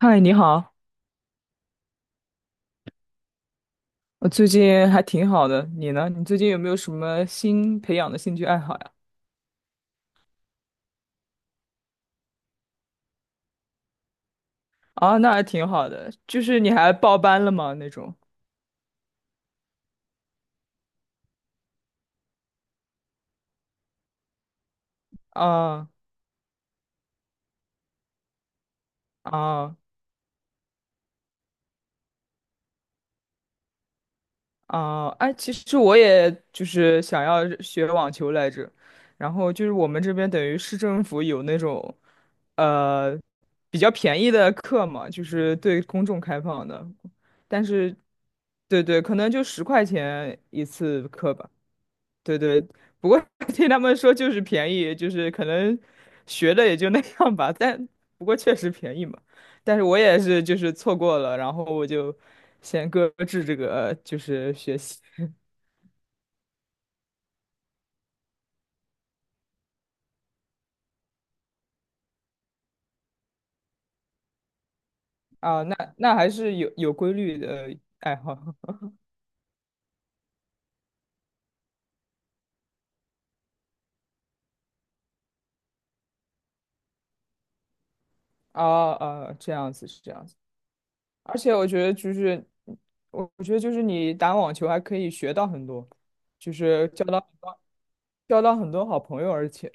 嗨，你好，我最近还挺好的，你呢？你最近有没有什么新培养的兴趣爱好呀？啊，那还挺好的，就是你还报班了吗？那种？啊啊啊！哎，其实我也就是想要学网球来着，然后就是我们这边等于市政府有那种，呃，比较便宜的课嘛，就是对公众开放的，但是，对对，可能就10块钱一次课吧。对对，不过 听他们说就是便宜，就是可能学的也就那样吧，但不过确实便宜嘛。但是我也是就是错过了，然后我就先搁置这个就是学习啊，那还是有规律的爱好 啊啊，这样子是这样子。而且我觉得就是我觉得就是你打网球还可以学到很多，就是交到很多好朋友，而且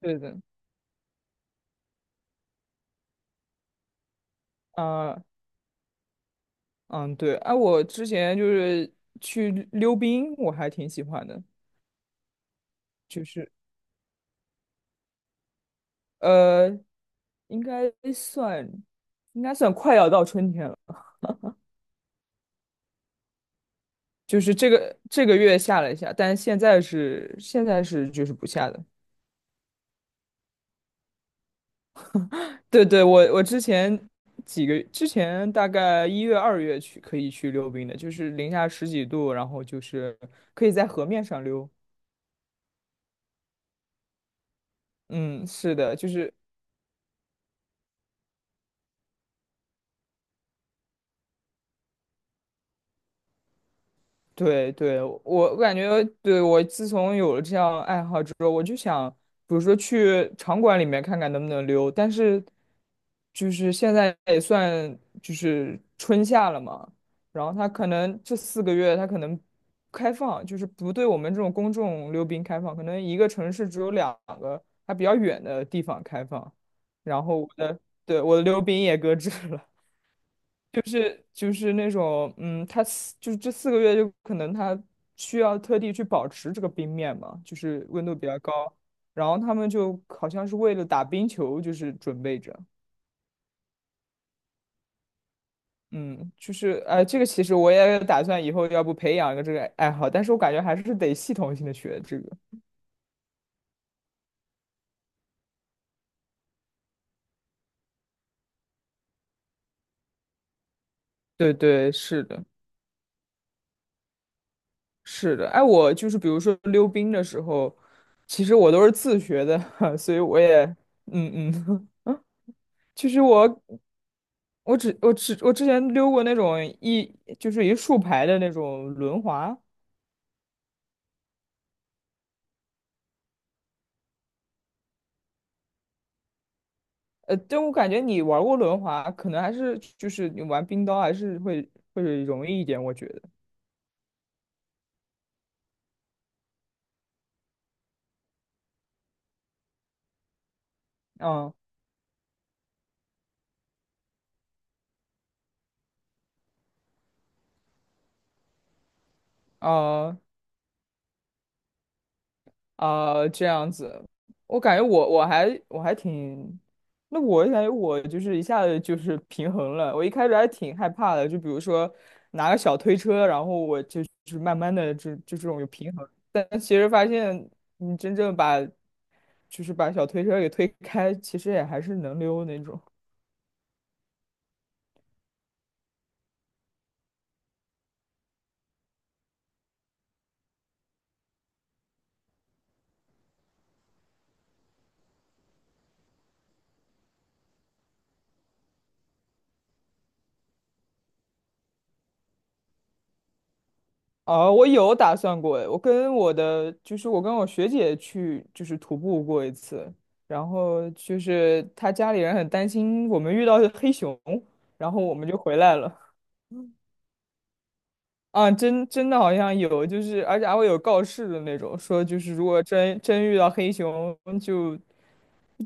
对的。啊、嗯，对，哎、我之前就是去溜冰，我还挺喜欢的，就是呃，应该算应该算快要到春天了，就是这个月下了一下，但现在是就是不下的。对对，我之前大概1月2月去可以去溜冰的，就是零下十几度，然后就是可以在河面上溜。嗯，是的，就是对对，我感觉，对，我自从有了这样爱好之后，我就想，比如说去场馆里面看看能不能溜，但是就是现在也算就是春夏了嘛，然后它可能这四个月它可能开放，就是不对我们这种公众溜冰开放，可能一个城市只有两个还比较远的地方开放，然后对，我的溜冰也搁置了。是就是那种，嗯，他四就是这四个月就可能他需要特地去保持这个冰面嘛，就是温度比较高，然后他们就好像是为了打冰球，就是准备着，嗯，就是哎、这个其实我也打算以后要不培养一个这个爱好，但是我感觉还是得系统性的学这个。对对，是的，是的，哎，我就是比如说溜冰的时候，其实我都是自学的，所以我也，嗯嗯。其实我之前溜过那种一就是一竖排的那种轮滑，但我感觉你玩过轮滑，可能还是就是你玩冰刀还是会容易一点，我觉得。嗯嗯啊、这样子，我感觉我还挺，那我感觉我就是一下子就是平衡了。我一开始还挺害怕的，就比如说拿个小推车，然后我就是慢慢的就这种有平衡。但其实发现你真正把就是把小推车给推开，其实也还是能溜那种。啊，我有打算过诶，我跟我学姐去就是徒步过一次，然后就是她家里人很担心我们遇到黑熊，然后我们就回来了。啊，真的好像有，就是而且还会有告示的那种，说就是如果真遇到黑熊就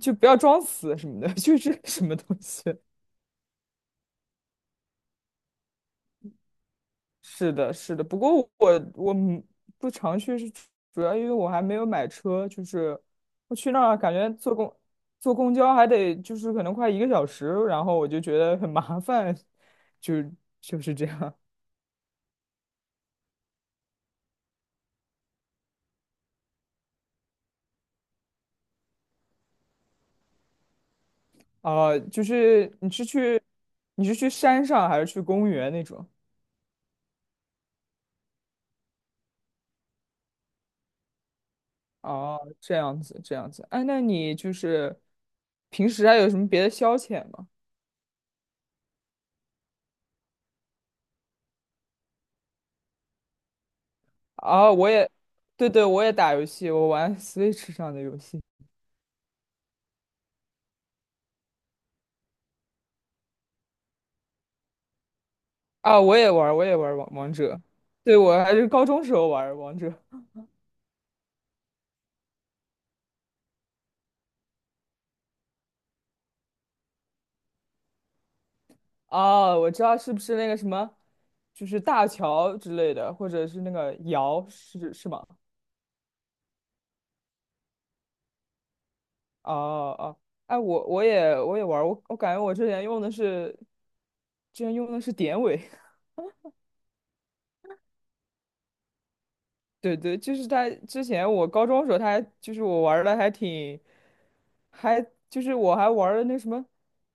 就不要装死什么的，就是什么东西。是的，是的。不过我不常去，是主要因为我还没有买车，就是我去那儿感觉坐公交还得就是可能快1个小时，然后我就觉得很麻烦，就就是这样。啊。就是你是去山上还是去公园那种？哦，这样子，这样子。哎，那你就是平时还有什么别的消遣吗？啊，对对，我也打游戏，我玩 Switch 上的游戏。啊，我也玩儿王者。对，我还是高中时候玩儿王者。啊，我知道是不是那个什么，就是大乔之类的，或者是那个瑶，是吗？哦哦，哎，我也玩儿，我感觉我之前用的是，之前用的是典韦。对对，就是他之前我高中的时候他还就是我玩的还挺，还就是我还玩了那什么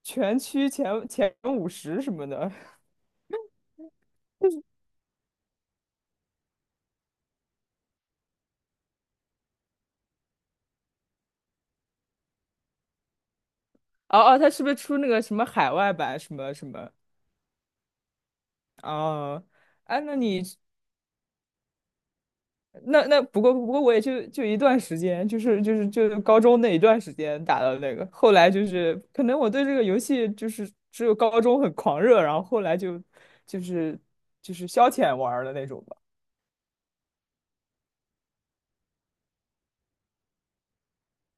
全区前五十什么的，哦哦，他是不是出那个什么海外版什么什么？哦，哎，那你那那不过我也就一段时间，就是高中那一段时间打的那个，后来就是可能我对这个游戏就是只有高中很狂热，然后后来就是就是消遣玩儿的那种吧。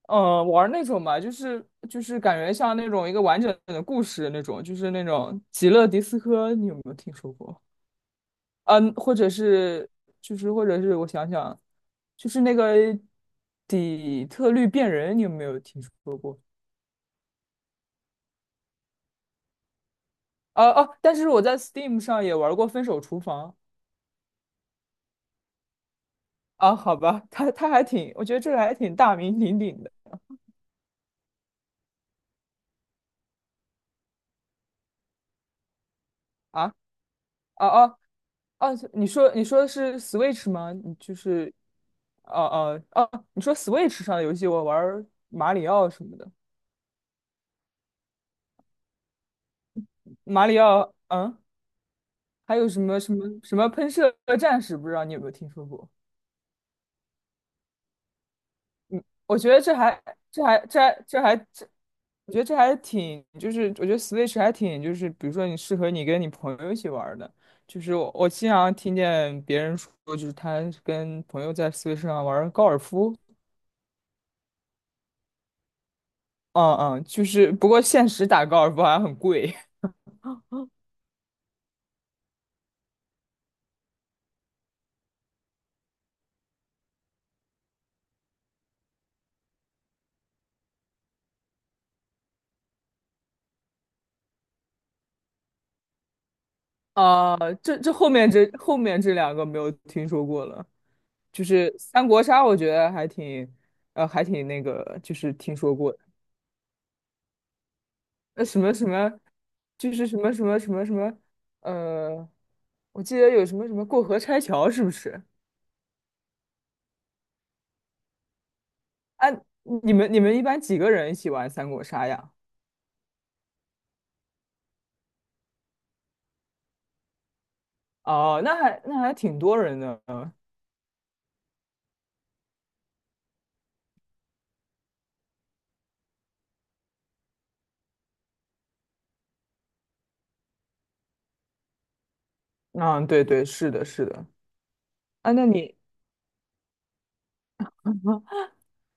嗯，玩儿那种吧，就是感觉像那种一个完整的故事那种，就是那种极乐迪斯科，你有没有听说过？嗯，或者是我想想。就是那个底特律变人，你有没有听说过？哦、哦、但是我在 Steam 上也玩过《分手厨房》啊，好吧，它还挺，我觉得这个还挺大名鼎鼎的啊哦哦哦，你说的是 Switch 吗？你就是哦哦哦，你说 Switch 上的游戏，我玩马里奥什么的，马里奥还有什么什么什么喷射战士，不知道你有没有听说过？我觉得这还，我觉得这还挺，就是我觉得 Switch 还挺，就是比如说你适合你跟你朋友一起玩儿的，就是我经常听见别人说，就是他跟朋友在 Switch 上玩儿高尔夫，嗯嗯，就是不过现实打高尔夫好像很贵，啊，这后面这两个没有听说过了，就是三国杀，我觉得还挺，还挺那个，就是听说过。那什么什么，就是什么什么什么什么，呃，我记得有什么什么过河拆桥，是不是？啊，你们一般几个人一起玩三国杀呀？哦，那还挺多人的。嗯，对对，是的，是的。啊，那你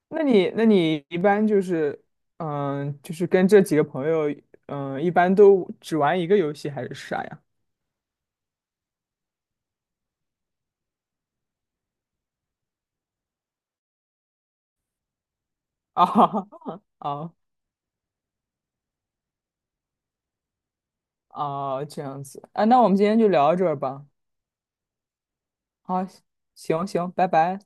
那你一般就是，就是跟这几个朋友，一般都只玩一个游戏还是啥呀？啊，哦哦，这样子啊，那我们今天就聊到这儿吧。好，行行，拜拜。